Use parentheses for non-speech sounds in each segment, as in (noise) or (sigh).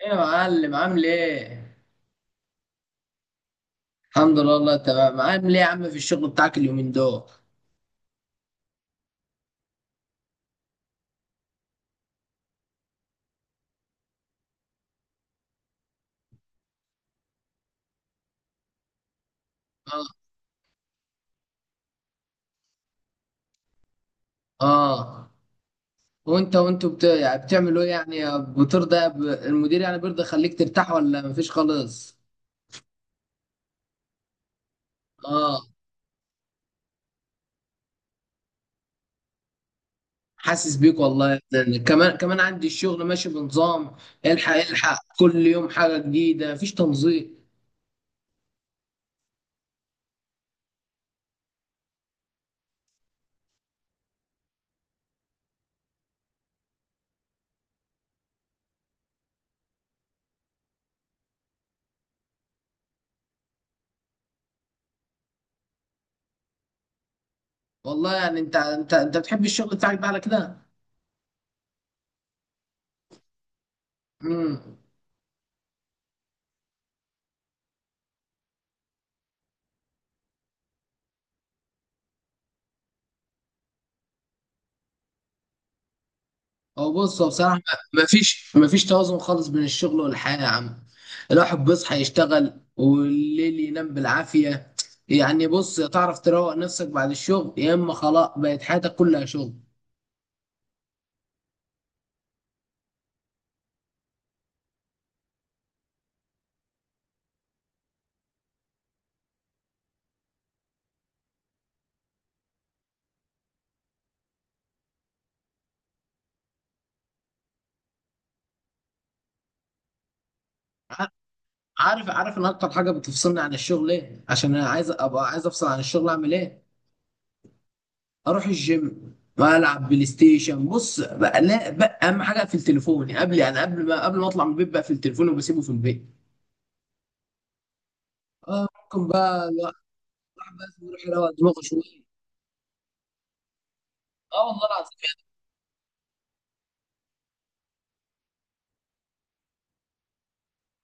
ايه يا معلم، عامل ايه؟ الحمد لله والله تمام. عامل ايه يا عم في الشغل بتاعك اليومين دول؟ اه. اه. وانتوا يعني بتعملوا ايه؟ المدير يعني بيرضى يخليك ترتاح ولا مفيش خالص؟ اه. حاسس بيك والله. يعني كمان كمان عندي الشغل ماشي بنظام. الحق الحق كل يوم حاجة جديدة، مفيش تنظيم. والله يعني انت بتحب الشغل بتاعك ده على كده؟ امم هو بصراحة ما فيش توازن خالص بين الشغل والحياة يا عم. الواحد بيصحى يشتغل، والليل ينام بالعافية. يعني بص، تعرف تروق نفسك بعد الشغل، يا اما خلاص بقت حياتك كلها شغل. ع- عارف ان اكتر حاجة بتفصلني عن الشغل ايه؟ عشان انا عايز افصل عن الشغل، اعمل ايه؟ اروح الجيم والعب بلاي ستيشن. بص بقى، لا بقى اهم حاجة في التليفون. يعني قبل ما اطلع من البيت بقى في التليفون وبسيبه في البيت. آه ممكن بقى الواحد بقى يروح يروق دماغه شوية. اه والله العظيم.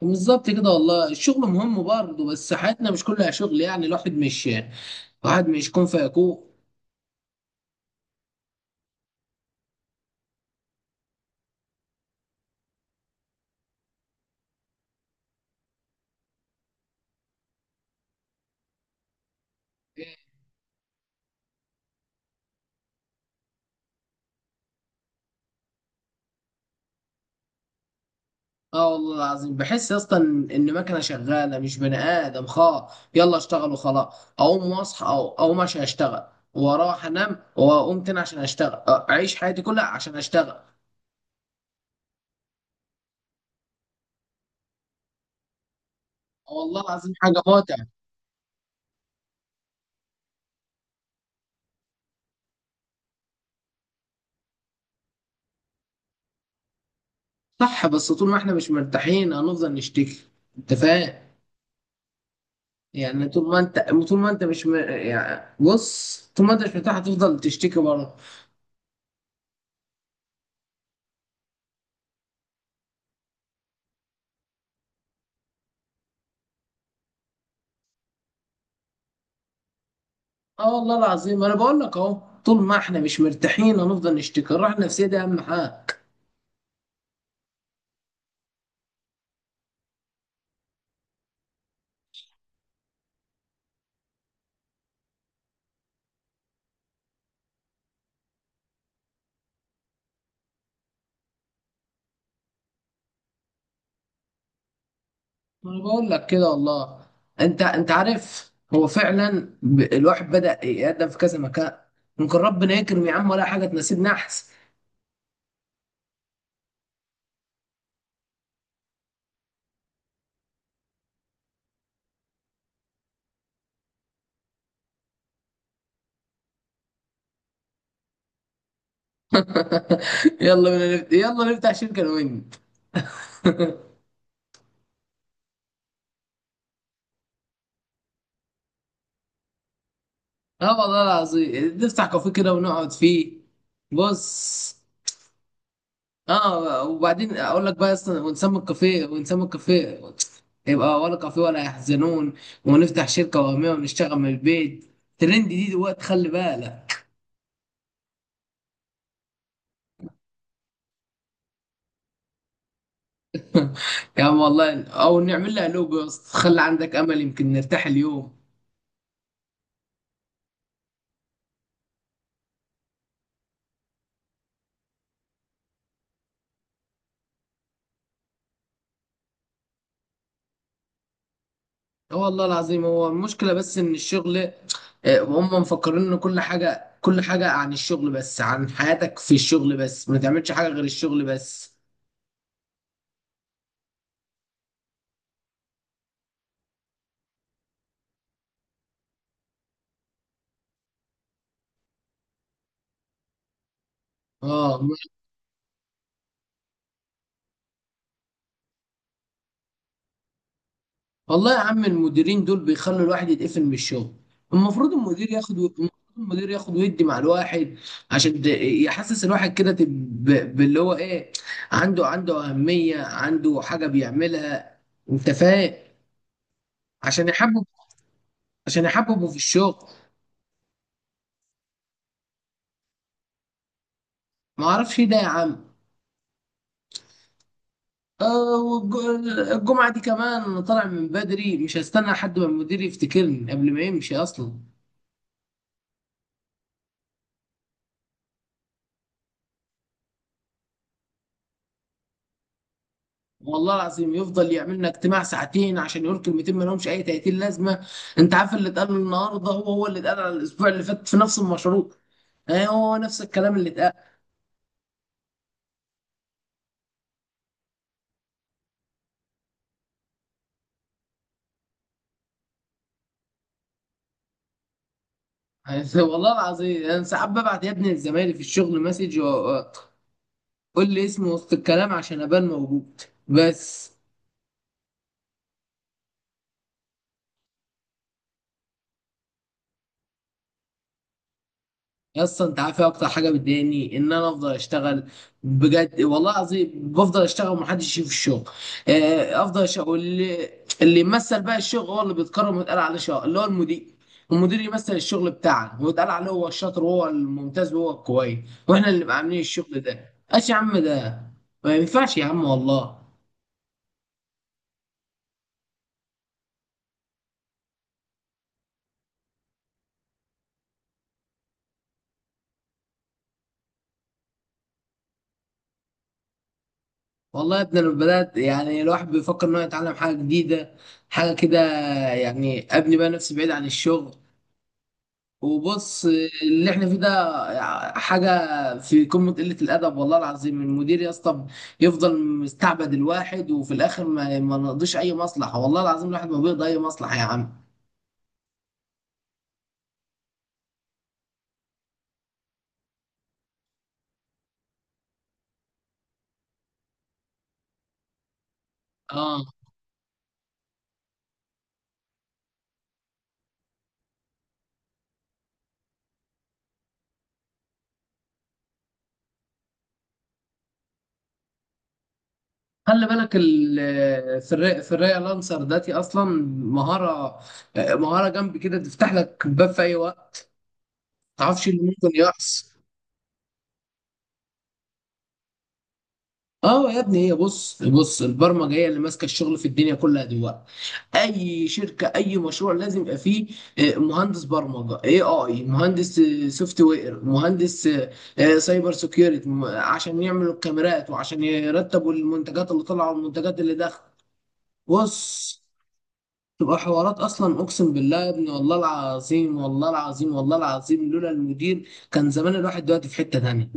بالظبط كده والله، الشغل مهم برضه بس حياتنا مش كلها شغل. يعني الواحد مش كون فيكون. اه والله العظيم. بحس يا اسطى ان مكنه شغاله مش بني ادم، خلاص يلا اشتغل وخلاص، اقوم واصحى او اقوم عشان اشتغل، واروح انام واقوم تاني عشان اشتغل، اعيش حياتي كلها عشان اشتغل. آه والله العظيم حاجه متعبه. صح، بس طول ما احنا مش مرتاحين هنفضل نشتكي. انت فاهم؟ يعني طول ما انت طول ما انت مش م... يعني بص، طول ما انت مش مرتاح هتفضل تشتكي بره. اه والله العظيم، انا بقول لك اهو، طول ما احنا مش مرتاحين هنفضل نشتكي. الراحه النفسيه دي اهم حاجه. انا بقول لك كده والله. انت عارف، هو فعلا الواحد بدأ يقدم في كذا مكان، ممكن ربنا يكرم يا عم ولا حاجه تناسبنا احسن. (laughs) يلا نفتح شركه انا وانت. اه والله العظيم نفتح كافيه كده ونقعد فيه. بص، اه وبعدين اقول لك بقى، اصلا ونسمي الكافيه، يبقى ولا كافيه ولا يحزنون. ونفتح شركه وهميه ونشتغل من البيت، ترند دي دلوقتي خلي بالك. (laughs) يا عم والله، او نعمل لها لوجو يا اسطى. خلي عندك امل يمكن نرتاح اليوم. اه والله العظيم. هو المشكله بس ان الشغل آه، هم مفكرين ان كل حاجه عن الشغل بس، عن حياتك في الشغل بس، ما تعملش حاجه غير الشغل بس. اه والله يا عم، المديرين دول بيخلوا الواحد يتقفل من الشغل. المفروض المدير ياخد ويدي مع الواحد، عشان ت- يحسس الواحد كده باللي هو ايه، عنده أهمية، عنده حاجة بيعملها. انت فاهم؟ عشان يحبب عشان يحببه في الشغل. ما اعرفش ايه ده يا عم. الجمعة دي كمان أنا طالع من بدري، مش هستنى لحد ما المدير يفتكرني قبل ما يمشي اصلا. والله العظيم يفضل يعمل لنا اجتماع ساعتين عشان يقول كلمتين ما لهمش اي 30 لازمه. انت عارف اللي اتقال النهارده هو اللي اتقال على الاسبوع اللي فات في نفس المشروع. اه هو نفس الكلام اللي اتقال. (laughs) والله العظيم انا ساعات ببعت يا ابني لزمايلي في الشغل مسج، قول لي اسمي وسط الكلام عشان ابان موجود. بس. يا اسطى، انت عارف ايه اكتر حاجه بتضايقني؟ ان انا افضل اشتغل بجد والله العظيم، بفضل اشتغل ومحدش يشوف الشغل. افضل اشتغل، واللي يمثل بقى الشغل هو اللي بيتكرم ويتقال عليه شاطر، اللي هو المدير. المدير يمثل الشغل بتاعنا ويتقال عليه هو الشاطر وهو الممتاز وهو الكويس، واحنا اللي نبقى عاملين الشغل ده، ايش يا عم ده؟ ما ينفعش يا عم والله. والله يا ابني، انا بدات يعني الواحد بيفكر انه يتعلم حاجه جديده، حاجه كده. يعني ابني بقى نفسي بعيد عن الشغل، وبص اللي احنا فيه ده حاجة في قمة قلة الأدب والله العظيم. المدير يا اسطى يفضل مستعبد الواحد، وفي الآخر ما نقضيش أي مصلحة، والله العظيم الواحد ما بيقضي أي مصلحة يا عم. اه خلي بالك، في الري لانسر داتي أصلا مهارة مهارة جنب كده تفتح لك باب في أي وقت، ما تعرفش اللي ممكن يحصل. اه يا ابني، هي بص البرمجه هي اللي ماسكه الشغل في الدنيا كلها دلوقتي. اي شركه اي مشروع لازم يبقى فيه مهندس برمجه، اي مهندس سوفت وير، مهندس سايبر سيكيورتي، عشان يعملوا الكاميرات وعشان يرتبوا المنتجات اللي طالعه والمنتجات اللي داخله. بص تبقى حوارات اصلا، اقسم بالله يا ابني. والله العظيم والله العظيم والله العظيم لولا المدير كان زمان الواحد دلوقتي في حته تانيه.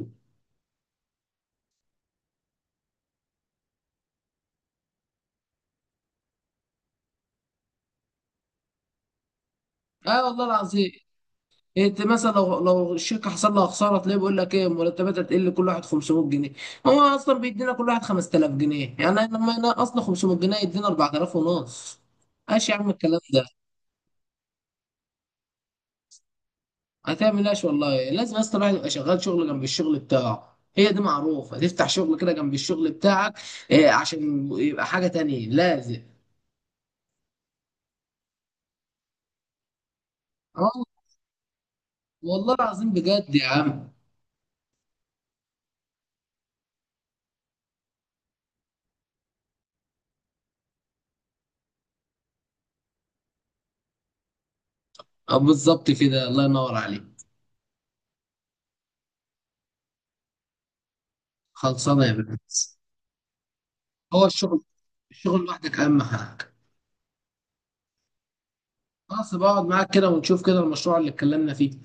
اه والله العظيم. انت مثلا لو الشركه حصل لها خساره، تلاقيه بيقول لك ايه، مرتباتها تقل كل واحد 500 جنيه. هو اصلا بيدينا كل واحد 5000 جنيه، يعني لما نقصنا 500 جنيه يدينا 4000 ونص. ايش يا عم الكلام ده؟ هتعمل ايش والله؟ لازم اصلا الواحد يبقى شغال شغل جنب الشغل بتاعه، هي دي معروفه، تفتح شغل كده جنب الشغل بتاعك إيه، عشان يبقى حاجه تانية لازم. اه والله العظيم بجد يا عم. اه بالظبط كده، الله ينور عليك. خلصانه يا بنت. هو الشغل الشغل لوحدك اهم حاجه. خلاص، بقعد معاك كده ونشوف كده المشروع اللي اتكلمنا فيه.